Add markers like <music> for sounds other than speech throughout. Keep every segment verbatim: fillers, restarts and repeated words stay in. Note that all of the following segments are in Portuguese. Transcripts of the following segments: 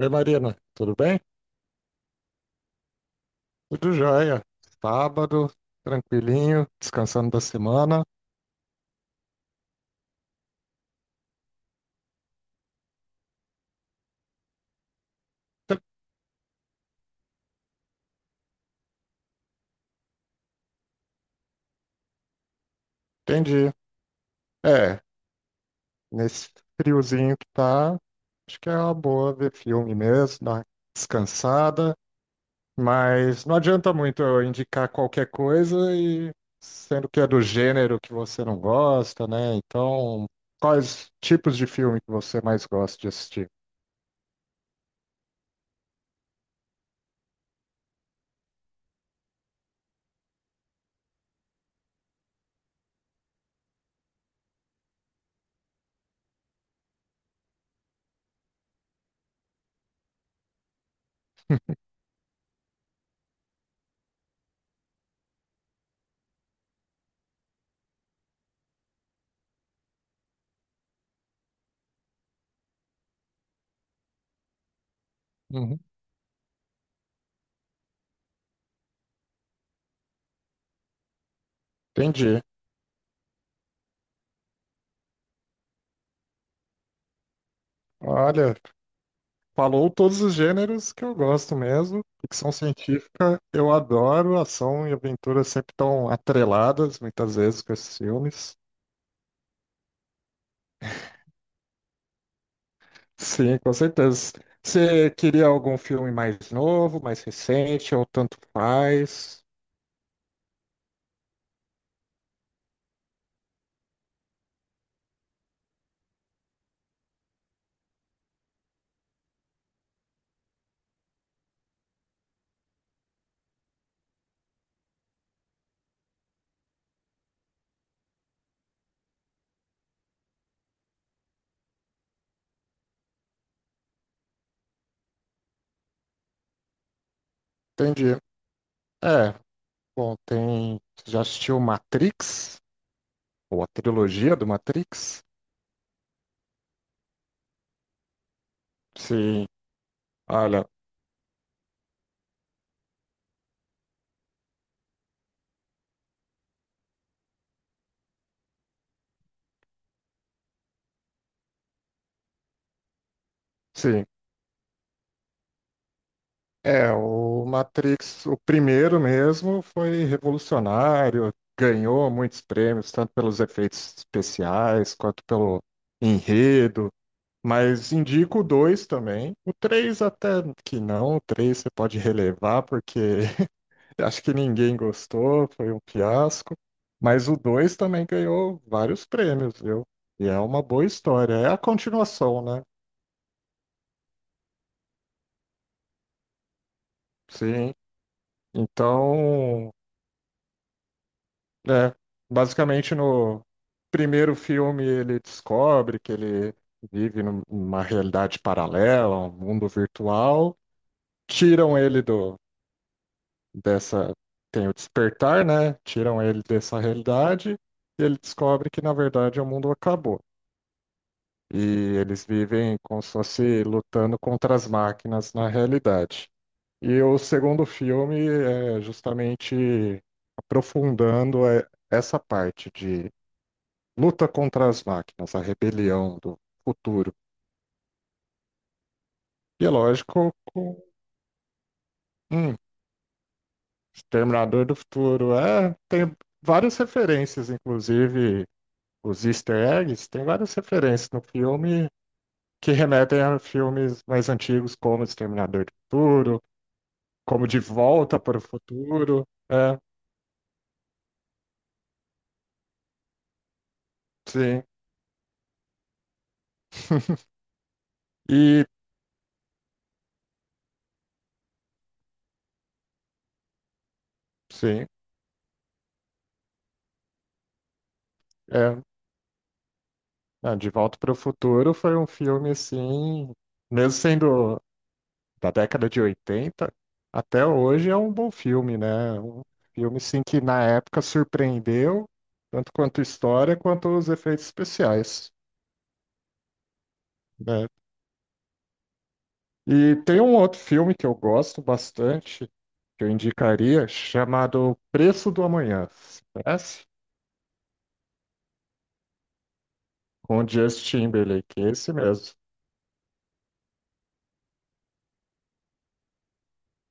Oi, Marina, tudo bem? Tudo jóia. Sábado, tranquilinho, descansando da semana. Entendi. É, Nesse friozinho que tá, acho que é uma boa ver filme mesmo, dar uma descansada, mas não adianta muito eu indicar qualquer coisa e sendo que é do gênero que você não gosta, né? Então, quais tipos de filme que você mais gosta de assistir? Uhum. Entendi. Olha. Falou todos os gêneros que eu gosto mesmo. Ficção científica, eu adoro. Ação e aventura sempre estão atreladas, muitas vezes, com esses filmes. Sim, com certeza. Você queria algum filme mais novo, mais recente, ou tanto faz? Entendi. É, Bom, tem. Você já assistiu Matrix? Ou a trilogia do Matrix? Sim, olha, sim. É, o Matrix, o primeiro mesmo, foi revolucionário, ganhou muitos prêmios, tanto pelos efeitos especiais quanto pelo enredo. Mas indico o dois também. O três até que não, o três você pode relevar, porque <laughs> acho que ninguém gostou, foi um fiasco. Mas o dois também ganhou vários prêmios, viu? E é uma boa história. É a continuação, né? Sim. Então, É, Basicamente no primeiro filme ele descobre que ele vive num- numa realidade paralela, um mundo virtual. Tiram ele do dessa tem o despertar, né? Tiram ele dessa realidade e ele descobre que na verdade o mundo acabou. E eles vivem como se fosse lutando contra as máquinas na realidade. E o segundo filme é justamente aprofundando é, essa parte de luta contra as máquinas, a rebelião do futuro. E é lógico, com hum, Exterminador do Futuro. É, tem várias referências, inclusive os Easter eggs, tem várias referências no filme que remetem a filmes mais antigos, como Exterminador do Futuro, como De Volta para o Futuro. É, sim. E sim, é, é, De Volta para o Futuro foi um filme assim, mesmo sendo da década de oitenta até hoje é um bom filme, né? Um filme sim que na época surpreendeu, tanto quanto história quanto os efeitos especiais, né? E tem um outro filme que eu gosto bastante, que eu indicaria, chamado Preço do Amanhã. Você conhece? Com o Justin Timberlake, esse mesmo.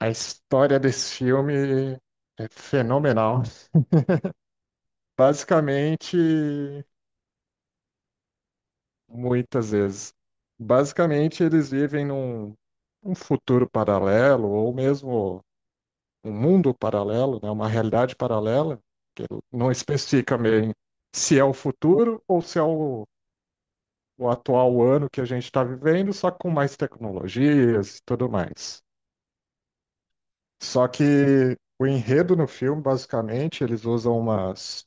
A história desse filme é fenomenal. <laughs> Basicamente, muitas vezes. Basicamente, eles vivem num um futuro paralelo, ou mesmo um mundo paralelo, né? Uma realidade paralela, que não especifica bem se é o futuro ou se é o, o atual ano que a gente está vivendo, só com mais tecnologias e tudo mais. Só que o enredo no filme, basicamente, eles usam umas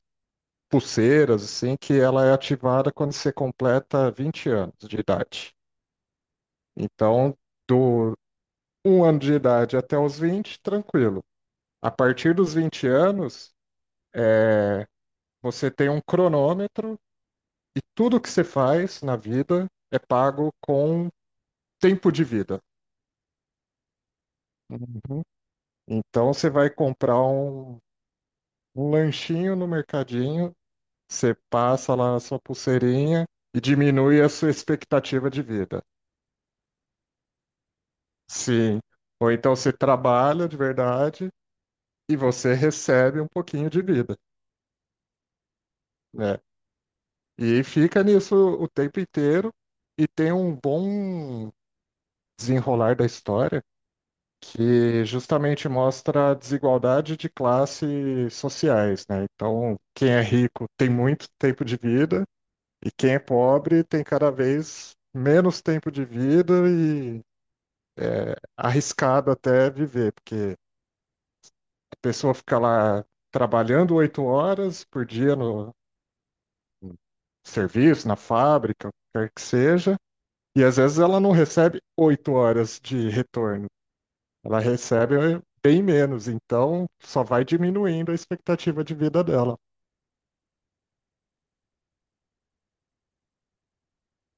pulseiras, assim, que ela é ativada quando você completa vinte anos de idade. Então, do um ano de idade até os vinte tranquilo. A partir dos vinte anos, é, você tem um cronômetro e tudo que você faz na vida é pago com tempo de vida. Uhum. Então você vai comprar um, um lanchinho no mercadinho, você passa lá a sua pulseirinha e diminui a sua expectativa de vida. Sim. Ou então você trabalha de verdade e você recebe um pouquinho de vida, né? E fica nisso o tempo inteiro e tem um bom desenrolar da história que justamente mostra a desigualdade de classes sociais, né? Então, quem é rico tem muito tempo de vida e quem é pobre tem cada vez menos tempo de vida e arriscado até viver, porque a pessoa fica lá trabalhando oito horas por dia no no serviço, na fábrica, o que quer que seja. E às vezes ela não recebe oito horas de retorno, ela recebe eh, bem menos, então só vai diminuindo a expectativa de vida dela.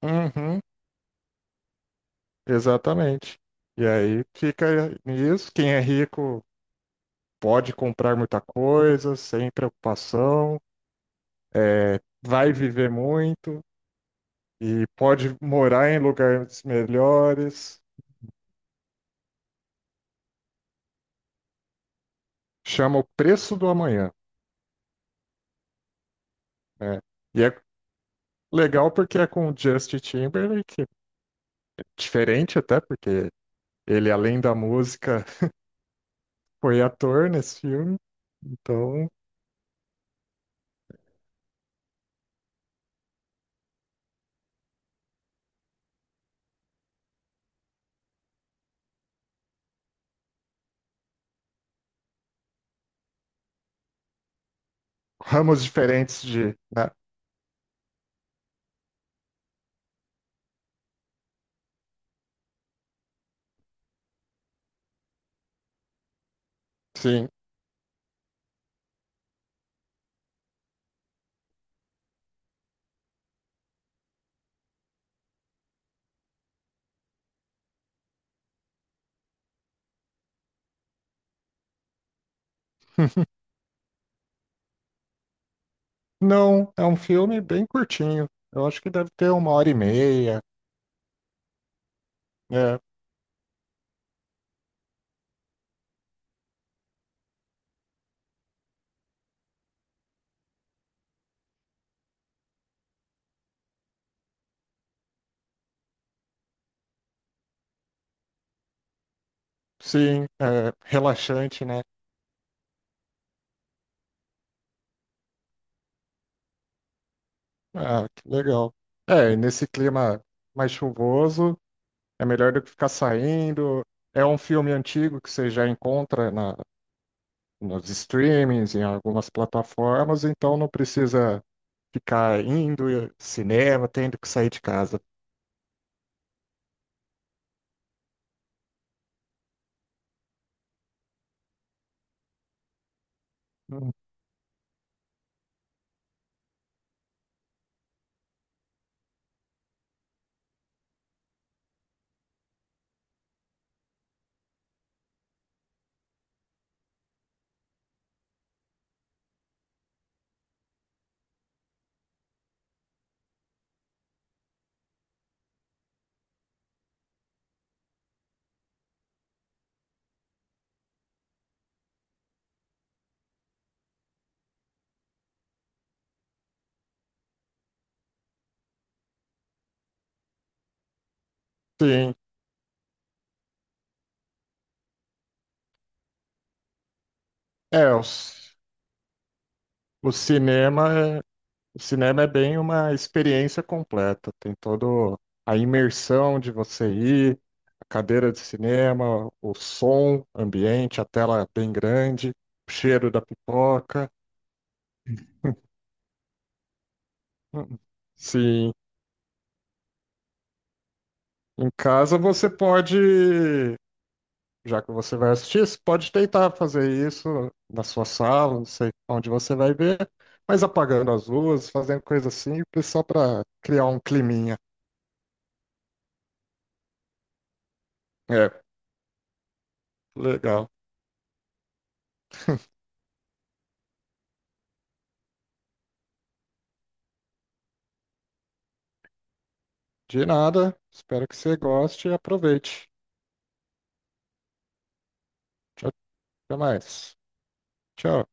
Uhum, exatamente. E aí fica nisso, quem é rico pode comprar muita coisa, sem preocupação, é, vai viver muito e pode morar em lugares melhores, chama o Preço do Amanhã, né? E é legal porque é com o Justin Timberlake, diferente até porque ele, além da música, foi ator nesse filme, então ramos diferentes de, né? Sim. <laughs> Não, é um filme bem curtinho. Eu acho que deve ter uma hora e meia, né? Sim, é relaxante, né? Ah, que legal. É, e nesse clima mais chuvoso, é melhor do que ficar saindo. É um filme antigo que você já encontra na, nos streamings, em algumas plataformas, então não precisa ficar indo ao cinema, tendo que sair de casa. Sim, é, o, c- o cinema, é- o cinema é bem uma experiência completa, tem todo a imersão de você ir, a cadeira de cinema, o som, ambiente, a tela bem grande, o cheiro da pipoca. Hum, Sim, em casa você pode Já que você vai assistir, você pode tentar fazer isso na sua sala, não sei onde você vai ver, mas apagando as luzes, fazendo coisa simples só para criar um climinha. É, legal. De nada, espero que você goste e aproveite. Tchau, até mais. Tchau.